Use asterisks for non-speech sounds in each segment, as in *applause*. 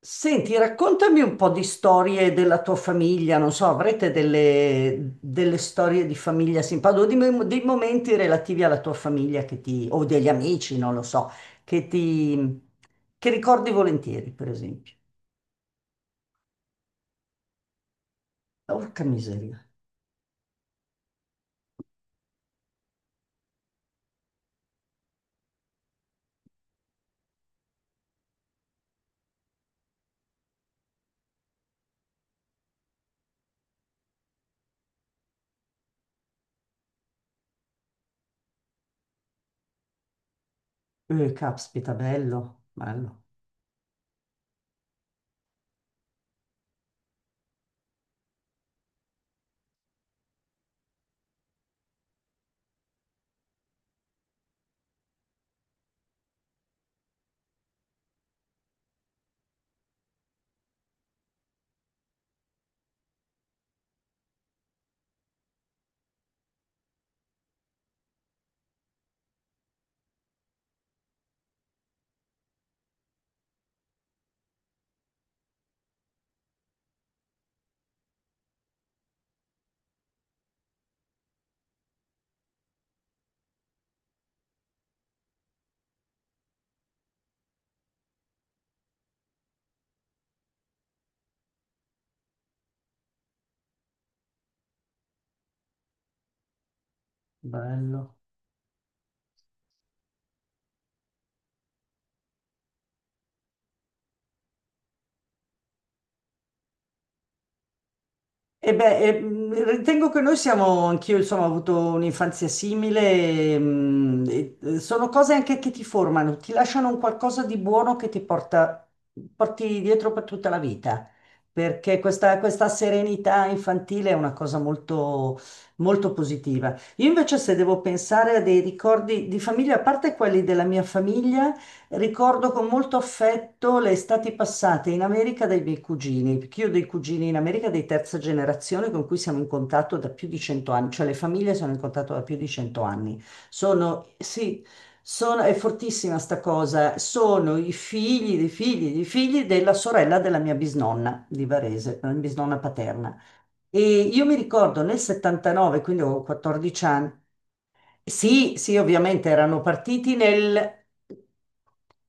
Senti, raccontami un po' di storie della tua famiglia, non so, avrete delle storie di famiglia simpatiche, o dei momenti relativi alla tua famiglia che ti, o degli amici, non lo so, che ti, che ricordi volentieri, per esempio. Porca miseria. Caspita, bello, bello, bello. E beh, ritengo che noi siamo, anch'io insomma, ho avuto un'infanzia simile, sono cose anche che ti formano, ti lasciano un qualcosa di buono che ti porta, porti dietro per tutta la vita, perché questa serenità infantile è una cosa molto, molto positiva. Io invece se devo pensare a dei ricordi di famiglia, a parte quelli della mia famiglia, ricordo con molto affetto le estati passate in America dai miei cugini, perché io ho dei cugini in America di terza generazione con cui siamo in contatto da più di 100 anni, cioè le famiglie sono in contatto da più di 100 anni. Sono, sì, è fortissima sta cosa, sono i figli dei figli dei figli della sorella della mia bisnonna di Varese, la mia bisnonna paterna. E io mi ricordo nel '79, quindi ho 14 anni. Sì, sì, ovviamente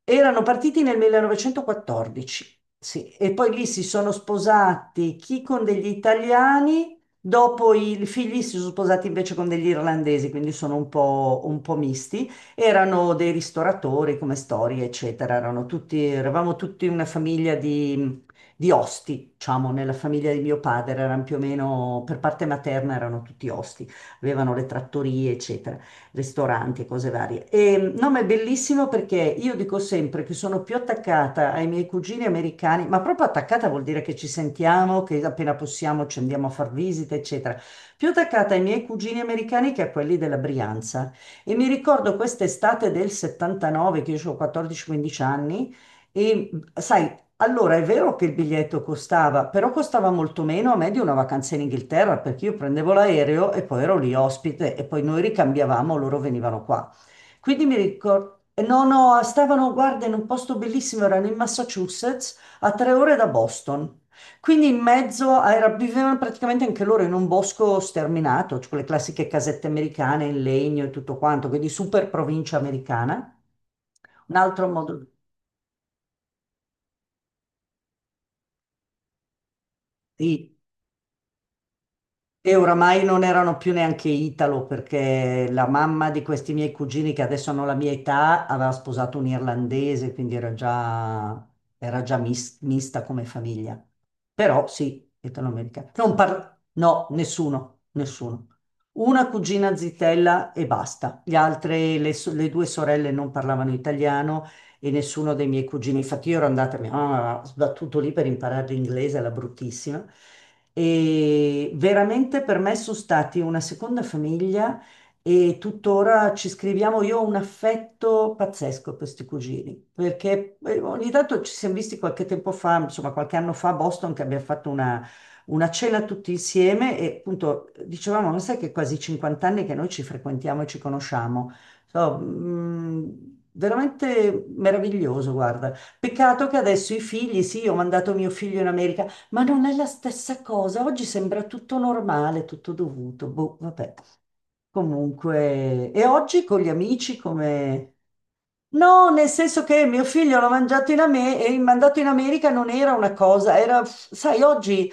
erano partiti nel 1914, sì, e poi lì si sono sposati chi con degli italiani, dopo i figli si sono sposati invece con degli irlandesi, quindi sono un po' misti. Erano dei ristoratori come storie, eccetera, eravamo tutti una famiglia di osti, diciamo. Nella famiglia di mio padre erano più o meno, per parte materna, erano tutti osti, avevano le trattorie, eccetera, ristoranti e cose varie. E no, ma è bellissimo perché io dico sempre che sono più attaccata ai miei cugini americani, ma proprio attaccata vuol dire che ci sentiamo, che appena possiamo ci andiamo a far visite, eccetera. Più attaccata ai miei cugini americani che a quelli della Brianza. E mi ricordo quest'estate del '79, che io ho 14-15 anni. E sai, allora, è vero che il biglietto costava, però costava molto meno a me di una vacanza in Inghilterra, perché io prendevo l'aereo e poi ero lì ospite e poi noi ricambiavamo, loro venivano qua. Quindi mi ricordo, no, no, stavano, guarda, in un posto bellissimo, erano in Massachusetts, a 3 ore da Boston. Quindi in mezzo a- era- vivevano praticamente anche loro in un bosco sterminato, cioè quelle classiche casette americane in legno e tutto quanto, quindi super provincia americana. Un altro modo, sì. E oramai non erano più neanche italo, perché la mamma di questi miei cugini, che adesso hanno la mia età, aveva sposato un irlandese, quindi era già, mista come famiglia. Però sì, italoamericana. Non parlo, no, nessuno, nessuno. Una cugina zitella e basta. Gli altre, le due sorelle non parlavano italiano e nessuno dei miei cugini. Infatti io ero andata, mia mamma ha sbattuto lì per imparare l'inglese, la bruttissima. E veramente per me sono stati una seconda famiglia e tuttora ci scriviamo. Io ho un affetto pazzesco per questi cugini, perché ogni tanto ci siamo visti qualche tempo fa, insomma qualche anno fa a Boston, che abbiamo fatto una cena tutti insieme e appunto dicevamo, ma sai che quasi 50 anni che noi ci frequentiamo e ci conosciamo. Veramente meraviglioso, guarda. Peccato che adesso i figli, sì, ho mandato mio figlio in America, ma non è la stessa cosa. Oggi sembra tutto normale, tutto dovuto. Boh, vabbè. Comunque, e oggi con gli amici come... No, nel senso che mio figlio l'ha mangiato in Ame- e mandato in America non era una cosa, era, sai, oggi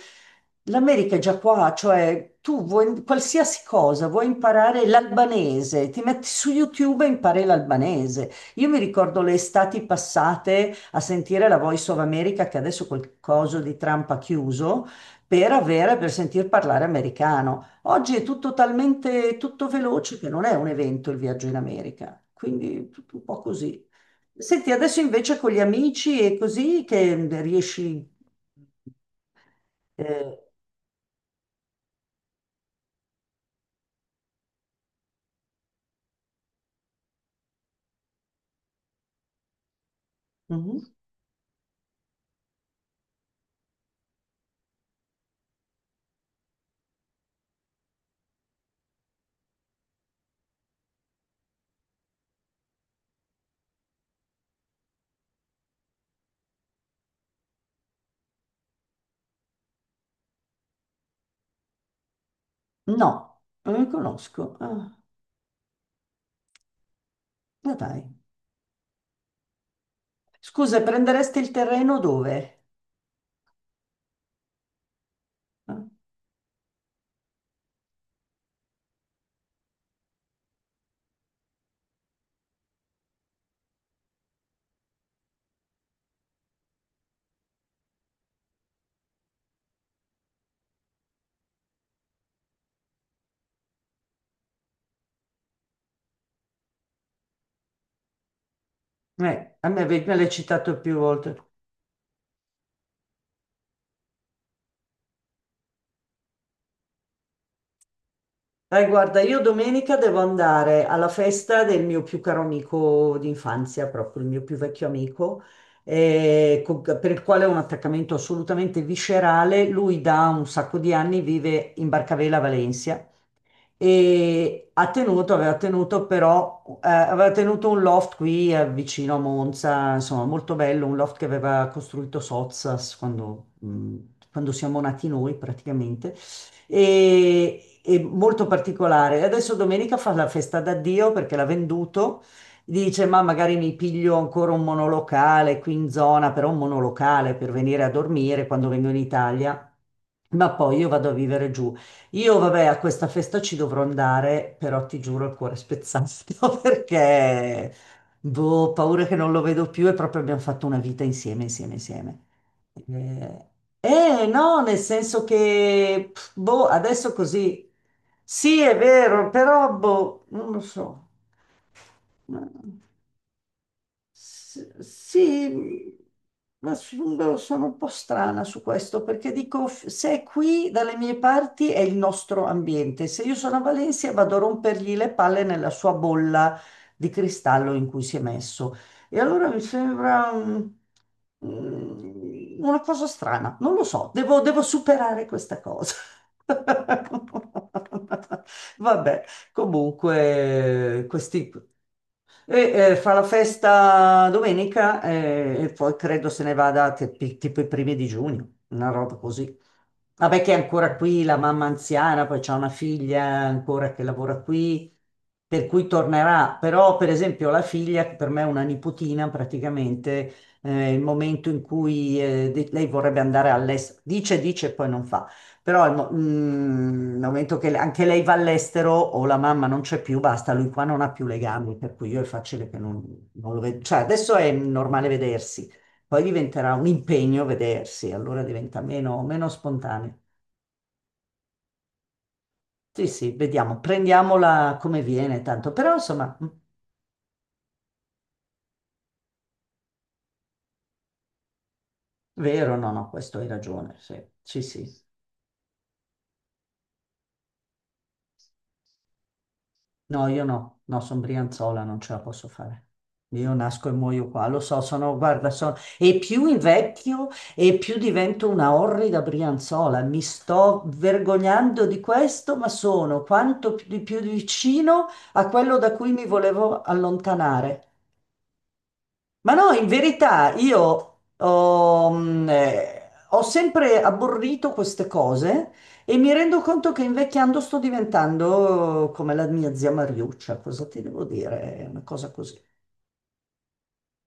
l'America è già qua, cioè tu vuoi qualsiasi cosa, vuoi imparare l'albanese, ti metti su YouTube e impari l'albanese. Io mi ricordo le estati passate a sentire la Voice of America, che adesso quel coso di Trump ha chiuso, per avere, per sentir parlare americano. Oggi è tutto talmente tutto veloce che non è un evento il viaggio in America, quindi tutto un po' così. Senti, adesso invece con gli amici e così che riesci... eh, mhm. No, non li conosco. Ah, ma dai. Scusa, prenderesti il terreno dove? A me me l'hai citato più volte. Dai, guarda, io domenica devo andare alla festa del mio più caro amico d'infanzia, proprio il mio più vecchio amico, per il quale ho un attaccamento assolutamente viscerale. Lui da un sacco di anni vive in Barcavela, Valencia, e ha tenuto, aveva tenuto però, aveva tenuto un loft qui vicino a Monza, insomma molto bello, un loft che aveva costruito Sozzas quando, quando siamo nati noi praticamente, e molto particolare. E adesso domenica fa la festa d'addio perché l'ha venduto, dice ma magari mi piglio ancora un monolocale qui in zona, però un monolocale per venire a dormire quando vengo in Italia. Ma poi io vado a vivere giù. Io, vabbè, a questa festa ci dovrò andare, però ti giuro il cuore spezzato *laughs* perché, boh, ho paura che non lo vedo più e proprio abbiamo fatto una vita insieme, insieme, insieme. Eh, no, nel senso che, pff, boh, adesso così, sì, è vero, però, boh, non lo so. Sì, ma sono un po' strana su questo perché dico, se è qui dalle mie parti è il nostro ambiente. Se io sono a Valencia vado a rompergli le palle nella sua bolla di cristallo in cui si è messo. E allora mi sembra una cosa strana, non lo so, devo superare questa cosa. *laughs* Vabbè, comunque, questi, e, fa la festa domenica, e poi credo se ne vada tipo i primi di giugno, una roba così. Vabbè che è ancora qui, la mamma anziana, poi c'ha una figlia ancora che lavora qui, per cui tornerà. Però per esempio la figlia, che per me è una nipotina praticamente, il momento in cui lei vorrebbe andare all'estero, dice, dice, e poi non fa. Però nel momento che anche lei va all'estero o la mamma non c'è più, basta, lui qua non ha più legami, per cui io è facile che non lo vedo. Cioè, adesso è normale vedersi, poi diventerà un impegno vedersi, allora diventa meno spontaneo. Sì, sì, vediamo, prendiamola come viene, tanto. Però insomma, mm, vero, no, no, questo hai ragione, sì, sì, sì. No, io no, no, sono brianzola, non ce la posso fare. Io nasco e muoio qua, lo so, sono, guarda, sono... E più invecchio e più divento una orrida brianzola. Mi sto vergognando di questo, ma sono quanto di più vicino a quello da cui mi volevo allontanare. Ma no, in verità io ho, ho sempre abborrito queste cose e mi rendo conto che invecchiando sto diventando come la mia zia Mariuccia, cosa ti devo dire? È una cosa così.